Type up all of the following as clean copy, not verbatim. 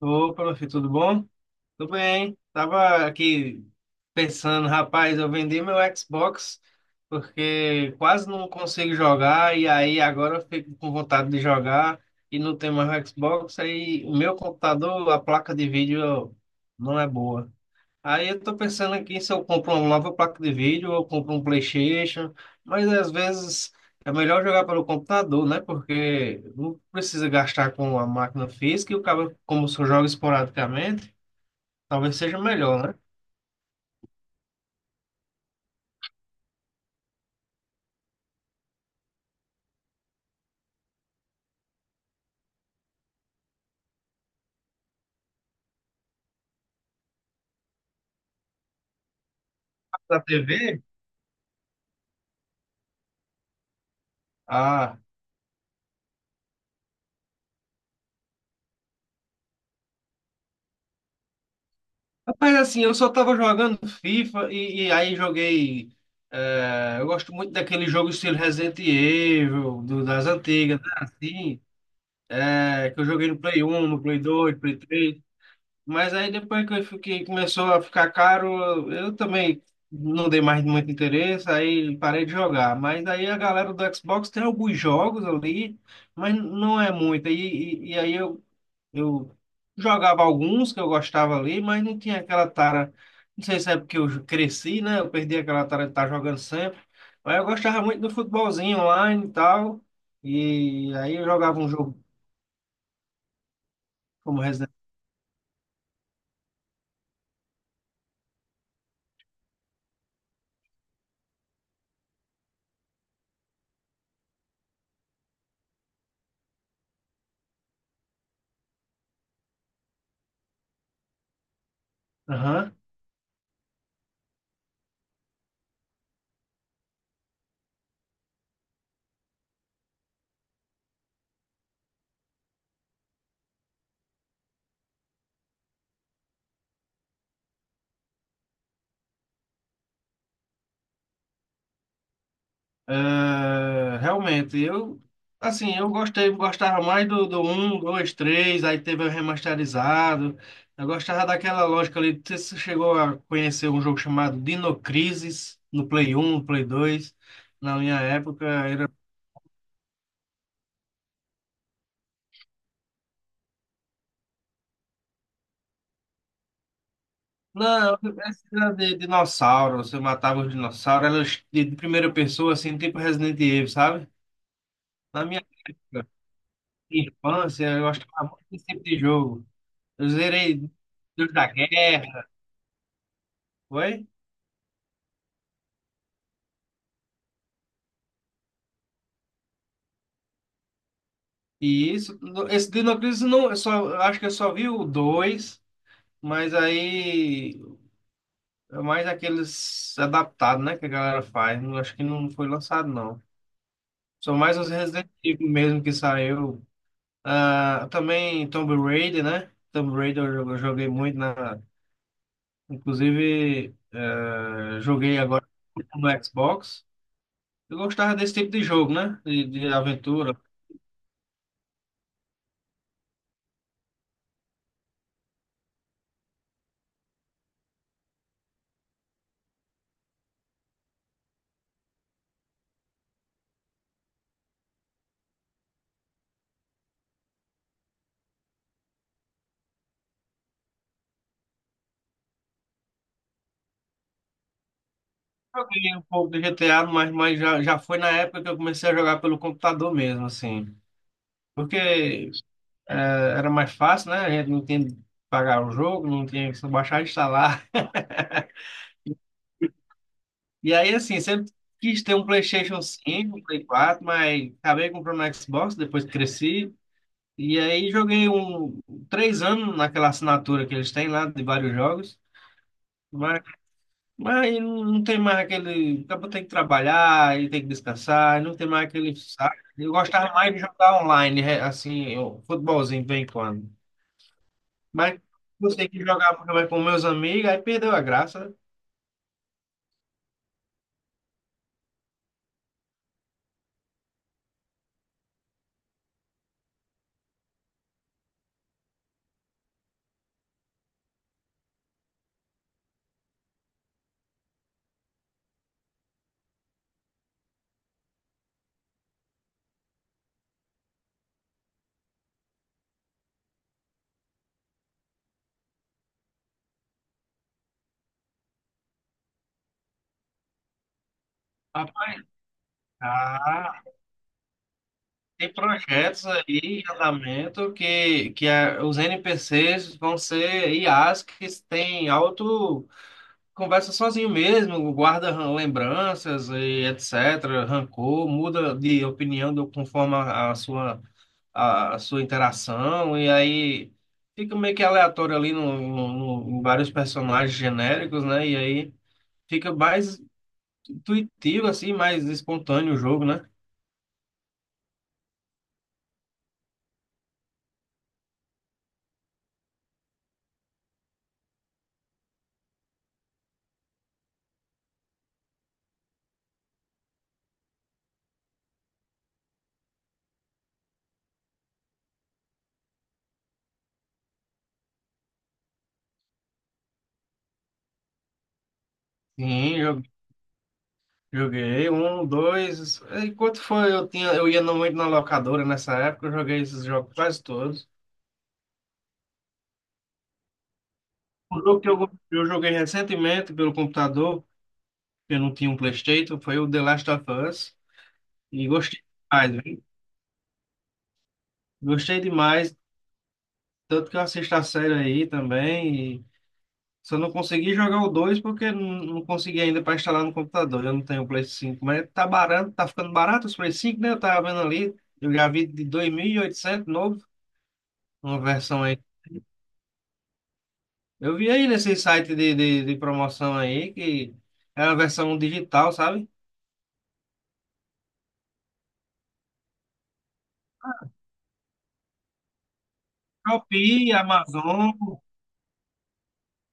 Opa, meu filho, tudo bom? Tudo bem. Tava aqui pensando, rapaz, eu vendi meu Xbox porque quase não consigo jogar. E aí agora eu fico com vontade de jogar e não tem mais Xbox, aí o meu computador, a placa de vídeo não é boa. Aí eu tô pensando aqui se eu compro uma nova placa de vídeo ou eu compro um PlayStation, mas às vezes é melhor jogar pelo computador, né? Porque não precisa gastar com a máquina física e o cabo, como se eu jogo esporadicamente, talvez seja melhor, né? Da TV? Ah, rapaz, assim, eu só tava jogando FIFA e aí joguei. Eu gosto muito daquele jogo estilo Resident Evil, das antigas, né? Assim, é, que eu joguei no Play 1, no Play 2, Play 3. Mas aí depois que eu fiquei, começou a ficar caro, eu também não dei mais muito interesse, aí parei de jogar. Mas aí a galera do Xbox tem alguns jogos ali, mas não é muito. E aí eu jogava alguns que eu gostava ali, mas não tinha aquela tara. Não sei se é porque eu cresci, né? Eu perdi aquela tara de estar jogando sempre. Mas eu gostava muito do futebolzinho online e tal. E aí eu jogava um jogo como Resident Evil. É, realmente, eu assim, eu gostei, gostava mais do um 2 três. Aí teve o remasterizado. Eu gostava daquela lógica ali. Não sei se você chegou a conhecer um jogo chamado Dino Crisis no Play um, no Play dois. Na minha época era. Não, esse era de dinossauro. Você matava os dinossauros, era de primeira pessoa, assim, tipo Resident Evil, sabe? Na minha época, de infância, eu gostava muito desse tipo de jogo. Eu zerei Deus da Guerra, foi? E isso, esse Dino não, eu só, eu acho que eu só vi o dois, mas aí é mais aqueles adaptados, né, que a galera faz. Não, acho que não foi lançado, não. São mais os Resident Evil mesmo que saiu. Ah, também Tomb Raider, né? Tomb Raider eu, eu joguei muito na. Inclusive, joguei agora no Xbox. Eu gostava desse tipo de jogo, né? De aventura. Joguei um pouco do GTA, mas, mas já foi na época que eu comecei a jogar pelo computador mesmo, assim. Porque é, era mais fácil, né? A gente não tinha que pagar o jogo, não tinha que só baixar e instalar. E aí, assim, sempre quis ter um PlayStation cinco, um Play 4, mas acabei comprando um Xbox, depois cresci. E aí joguei um, três anos naquela assinatura que eles têm lá de vários jogos. Mas não tem mais aquele. Acabou, tem que trabalhar e tem que descansar, não tem mais aquele saco. Eu gostava mais de jogar online, assim, eu, futebolzinho de vez em quando. Mas você que jogava mais com meus amigos, aí perdeu a graça, né? Rapaz, ah, tem projetos aí em andamento que, os NPCs vão ser IAs que têm alto. Conversa sozinho mesmo, guarda lembranças e etc., rancor, muda de opinião conforme a sua, a sua interação, e aí fica meio que aleatório ali em vários personagens genéricos, né? E aí fica mais intuitivo, assim, mais espontâneo o jogo, né? Sim, joguei um, dois. Enquanto foi, eu tinha, eu ia no- muito na locadora nessa época, eu joguei esses jogos quase todos. Um jogo que eu joguei recentemente pelo computador, eu não tinha um PlayStation, foi o The Last of Us. E gostei demais, viu? Gostei demais. Tanto que eu assisto a série aí também. E só não consegui jogar o 2 porque não, não consegui ainda para instalar no computador. Eu não tenho o Play cinco. Mas tá barato, tá ficando barato os Play cinco, né? Eu tava vendo ali. Eu já vi de 2.800 novo, uma versão aí. Eu vi aí nesse site de promoção aí que era a versão digital, sabe? Shopee, Amazon.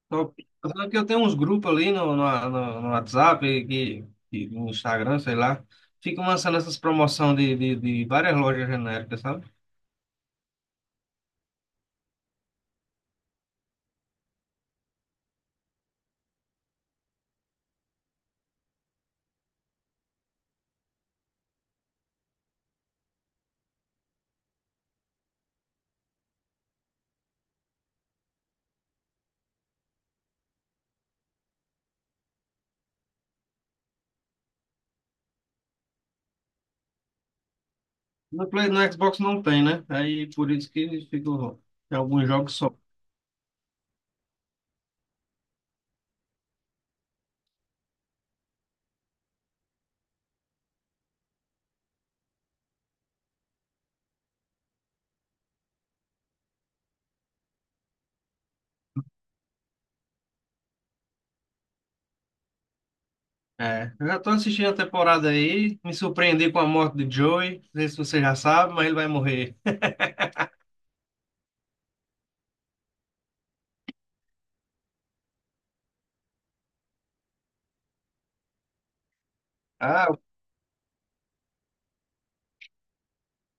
Top. Só que eu tenho uns grupos ali no WhatsApp, e no Instagram, sei lá. Ficam lançando essas promoções de várias lojas genéricas, sabe? No Play, no Xbox não tem, né? Aí por isso que ficam em alguns jogos só. É, eu já tô assistindo a temporada aí, me surpreendi com a morte de Joey. Não sei se você já sabe, mas ele vai morrer. Ah, o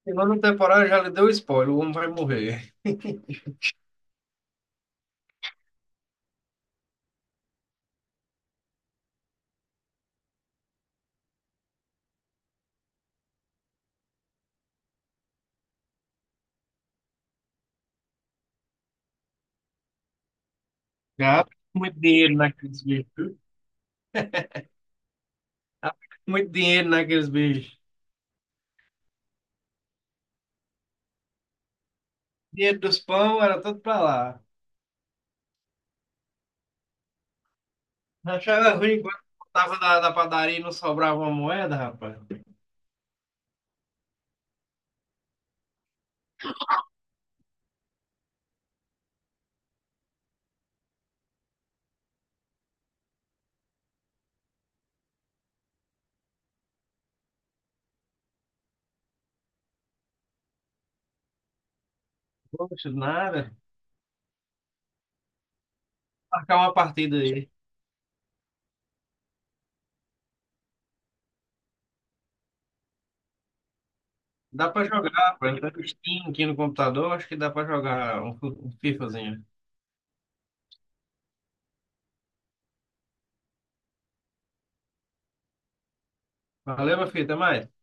final da temporada já lhe deu spoiler, o homem vai morrer. Gasta muito dinheiro naqueles bichos, viu? Gasta muito dinheiro naqueles bichos. Dinheiro dos pão era tudo pra lá. Achava ruim quando voltava da, da padaria e não sobrava uma moeda, rapaz. Poxa, nada. Marcar uma partida aí. Dá pra jogar, rapaz. Tá Steam aqui no computador, acho que dá pra jogar um, um FIFAzinho. Valeu, meu filho, até mais.